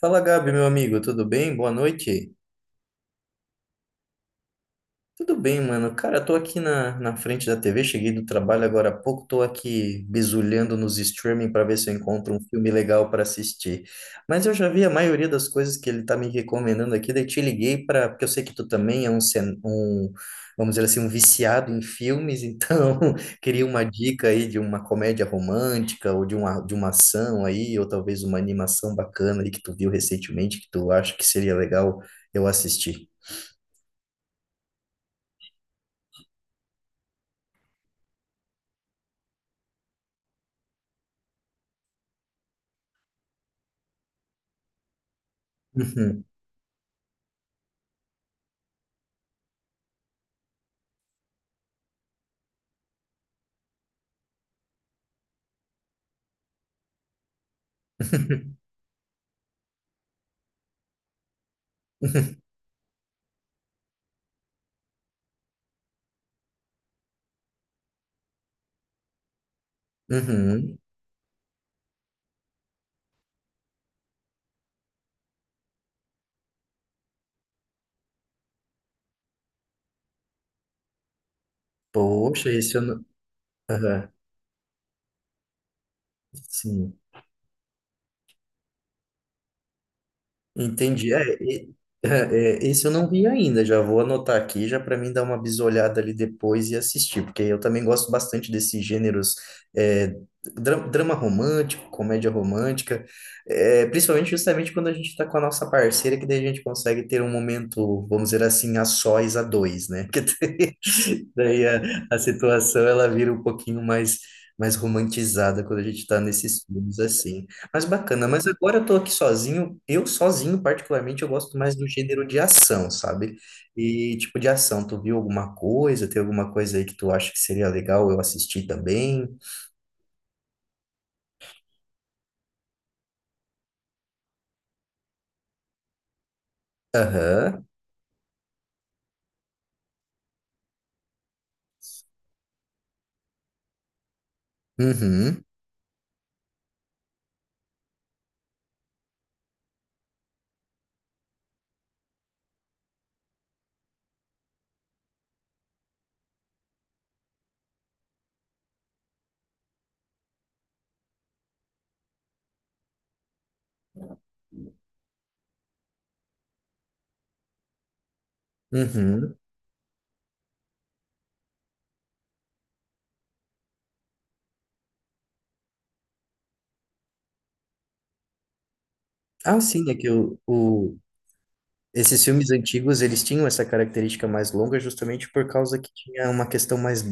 Fala, Gabi, meu amigo, tudo bem? Boa noite. Tudo bem, mano. Cara, eu tô aqui na frente da TV, cheguei do trabalho agora há pouco, tô aqui bisulhando nos streaming para ver se eu encontro um filme legal para assistir. Mas eu já vi a maioria das coisas que ele tá me recomendando aqui, daí te liguei porque eu sei que tu também é um, vamos dizer assim, um viciado em filmes, então queria uma dica aí de uma comédia romântica ou de uma ação aí, ou talvez uma animação bacana aí que tu viu recentemente que tu acha que seria legal eu assistir. Uhum. Uhum. Poxa, esse eu não... Aham. Sim. Entendi. É, esse eu não vi ainda, já vou anotar aqui, já para mim dar uma bisolhada ali depois e assistir, porque eu também gosto bastante desses gêneros, é, drama romântico, comédia romântica, principalmente justamente quando a gente está com a nossa parceira, que daí a gente consegue ter um momento, vamos dizer assim, a sós, a dois, né? Que daí a situação ela vira um pouquinho mais romantizada quando a gente está nesses filmes assim. Mas bacana, mas agora eu tô aqui sozinho. Eu sozinho, particularmente, eu gosto mais do gênero de ação, sabe? E tipo de ação, tu viu alguma coisa? Tem alguma coisa aí que tu acha que seria legal eu assistir também? Aham. Uhum. Uhum. Ah, sim, é que esses filmes antigos, eles tinham essa característica mais longa justamente por causa que tinha uma questão mais.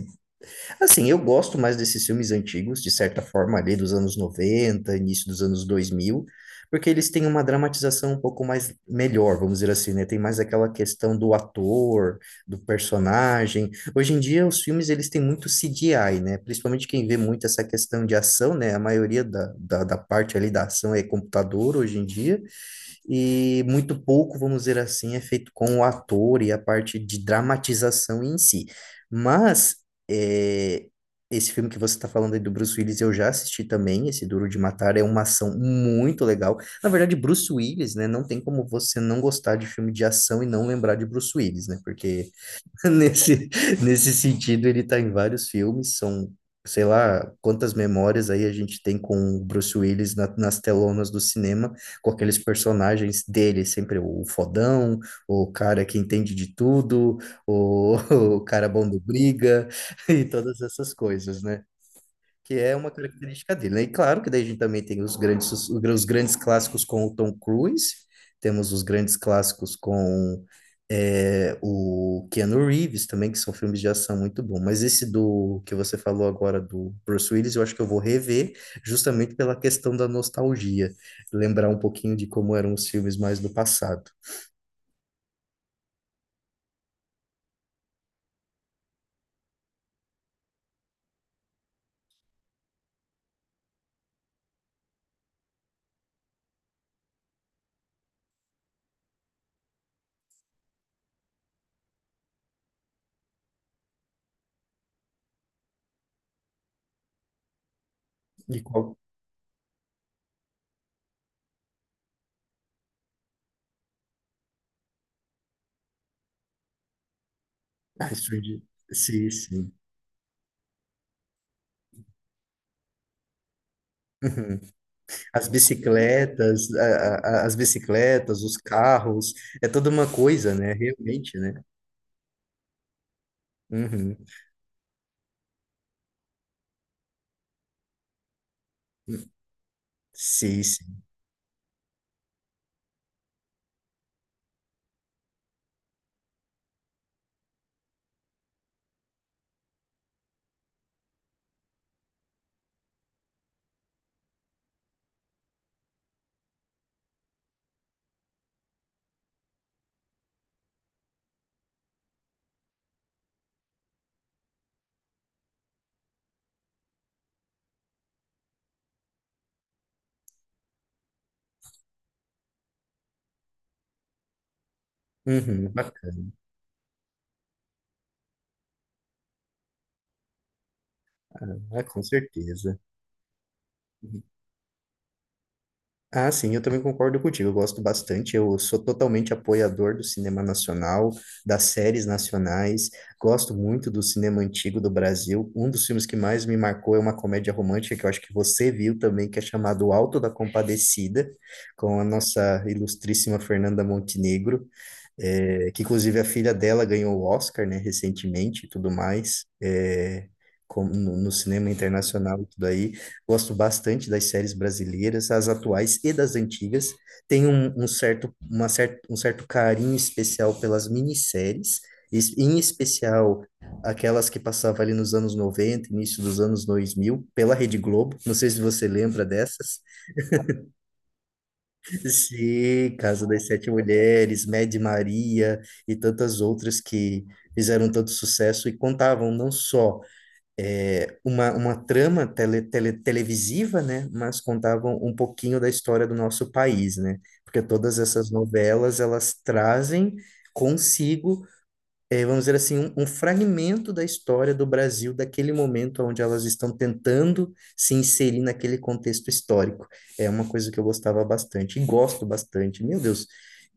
Assim, eu gosto mais desses filmes antigos, de certa forma, ali dos anos noventa, início dos anos dois mil, porque eles têm uma dramatização um pouco mais melhor, vamos dizer assim, né? Tem mais aquela questão do ator, do personagem. Hoje em dia, os filmes, eles têm muito CGI, né? Principalmente quem vê muito essa questão de ação, né? A maioria da parte ali da ação é computador hoje em dia e muito pouco, vamos dizer assim, é feito com o ator e a parte de dramatização em si. Mas é, esse filme que você está falando aí do Bruce Willis, eu já assisti também, esse Duro de Matar, é uma ação muito legal. Na verdade, Bruce Willis, né? Não tem como você não gostar de filme de ação e não lembrar de Bruce Willis, né? Porque Nesse, nesse sentido, ele tá em vários filmes, são, sei lá, quantas memórias aí a gente tem com o Bruce Willis na- nas telonas do cinema, com aqueles personagens dele, sempre o fodão, o cara que entende de tudo, o, o cara bom do briga, e todas essas coisas, né? Que é uma característica dele, né? E claro que daí a gente também tem os grandes clássicos com o Tom Cruise, temos os grandes clássicos com o Keanu Reeves também, que são filmes de ação muito bons. Mas esse do que você falou agora do Bruce Willis, eu acho que eu vou rever justamente pela questão da nostalgia, lembrar um pouquinho de como eram os filmes mais do passado. E qual... Ah, surgiu. Sim, sim. As bicicletas, as bicicletas, os carros, é toda uma coisa, né? Realmente, né? Uhum. Sim, sim. Uhum, bacana. Ah, com certeza. Uhum. Ah, sim, eu também concordo contigo. Eu gosto bastante. Eu sou totalmente apoiador do cinema nacional, das séries nacionais. Gosto muito do cinema antigo do Brasil. Um dos filmes que mais me marcou é uma comédia romântica que eu acho que você viu também, que é chamado Alto da Compadecida, com a nossa ilustríssima Fernanda Montenegro. Que inclusive a filha dela ganhou o Oscar, né, recentemente e tudo mais, como no cinema internacional e tudo aí. Gosto bastante das séries brasileiras, as atuais e das antigas. Tenho um, um certo, uma cer um certo carinho especial pelas minisséries, em especial aquelas que passavam ali nos anos 90, início dos anos 2000, pela Rede Globo. Não sei se você lembra dessas. Sim, Casa das Sete Mulheres, Mad Maria e tantas outras que fizeram tanto sucesso e contavam não só uma trama televisiva, né, mas contavam um pouquinho da história do nosso país, né? Porque todas essas novelas, elas trazem consigo vamos dizer assim, um fragmento da história do Brasil, daquele momento onde elas estão tentando se inserir naquele contexto histórico. É uma coisa que eu gostava bastante e gosto bastante. Meu Deus,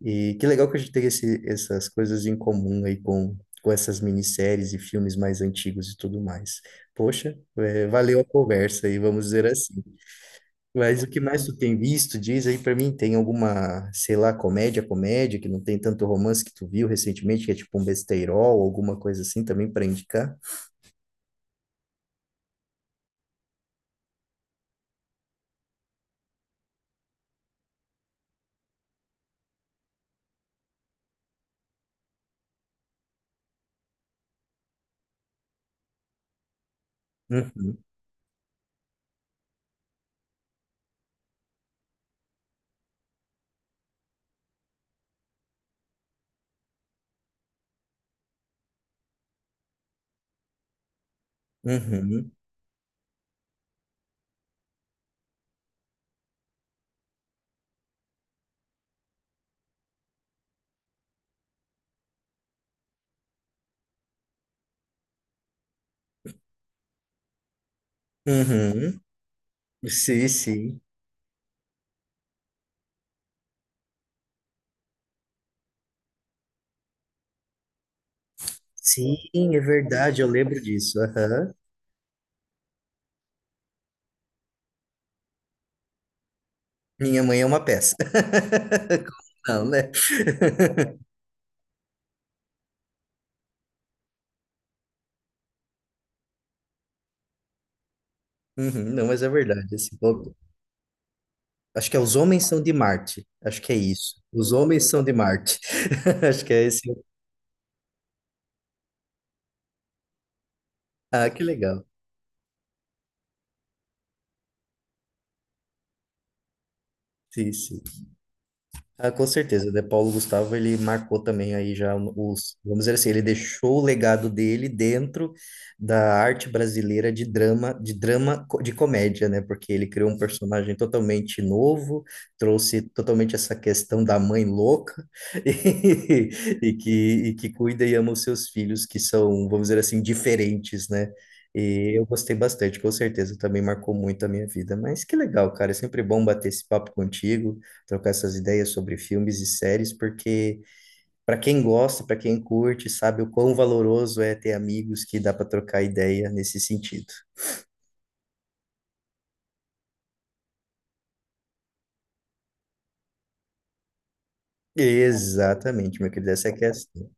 e que legal que a gente tem essas coisas em comum com essas minisséries e filmes mais antigos e tudo mais. Poxa, é, valeu a conversa aí, vamos dizer assim. Mas o que mais tu tem visto, diz aí pra mim, tem alguma, sei lá, comédia que não tem tanto romance que tu viu recentemente, que é tipo um besteirol, alguma coisa assim também pra indicar? Uhum, uhum, uhum. Sim, sim. Sim, é verdade, eu lembro disso. Aham. Minha mãe é uma peça. Não, né? Uhum, não, mas é verdade. Assim, pô, acho que é Os Homens São de Marte. Acho que é isso. Os Homens São de Marte. Acho que é esse. Ah, que legal. Sim, sim. Ah, com certeza, né? Paulo Gustavo, ele marcou também aí já os, vamos dizer assim, ele deixou o legado dele dentro da arte brasileira de drama, de comédia, né? Porque ele criou um personagem totalmente novo, trouxe totalmente essa questão da mãe louca e, e que, e que cuida e ama os seus filhos, que são, vamos dizer assim, diferentes, né? E eu gostei bastante, com certeza, também marcou muito a minha vida. Mas que legal, cara, é sempre bom bater esse papo contigo, trocar essas ideias sobre filmes e séries, porque para quem gosta, para quem curte, sabe o quão valoroso é ter amigos que dá para trocar ideia nesse sentido. Exatamente, meu querido, essa é a questão.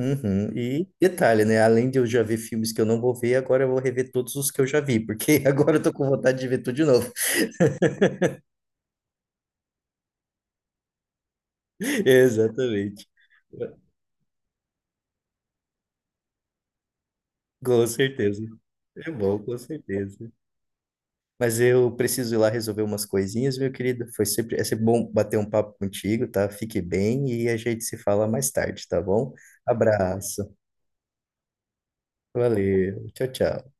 Uhum. E detalhe, né? Além de eu já ver filmes que eu não vou ver, agora eu vou rever todos os que eu já vi, porque agora eu tô com vontade de ver tudo de novo. Exatamente. Com certeza. É bom, com certeza. Mas eu preciso ir lá resolver umas coisinhas, meu querido. É sempre bom bater um papo contigo, tá? Fique bem e a gente se fala mais tarde, tá bom? Abraço. Valeu. Tchau, tchau.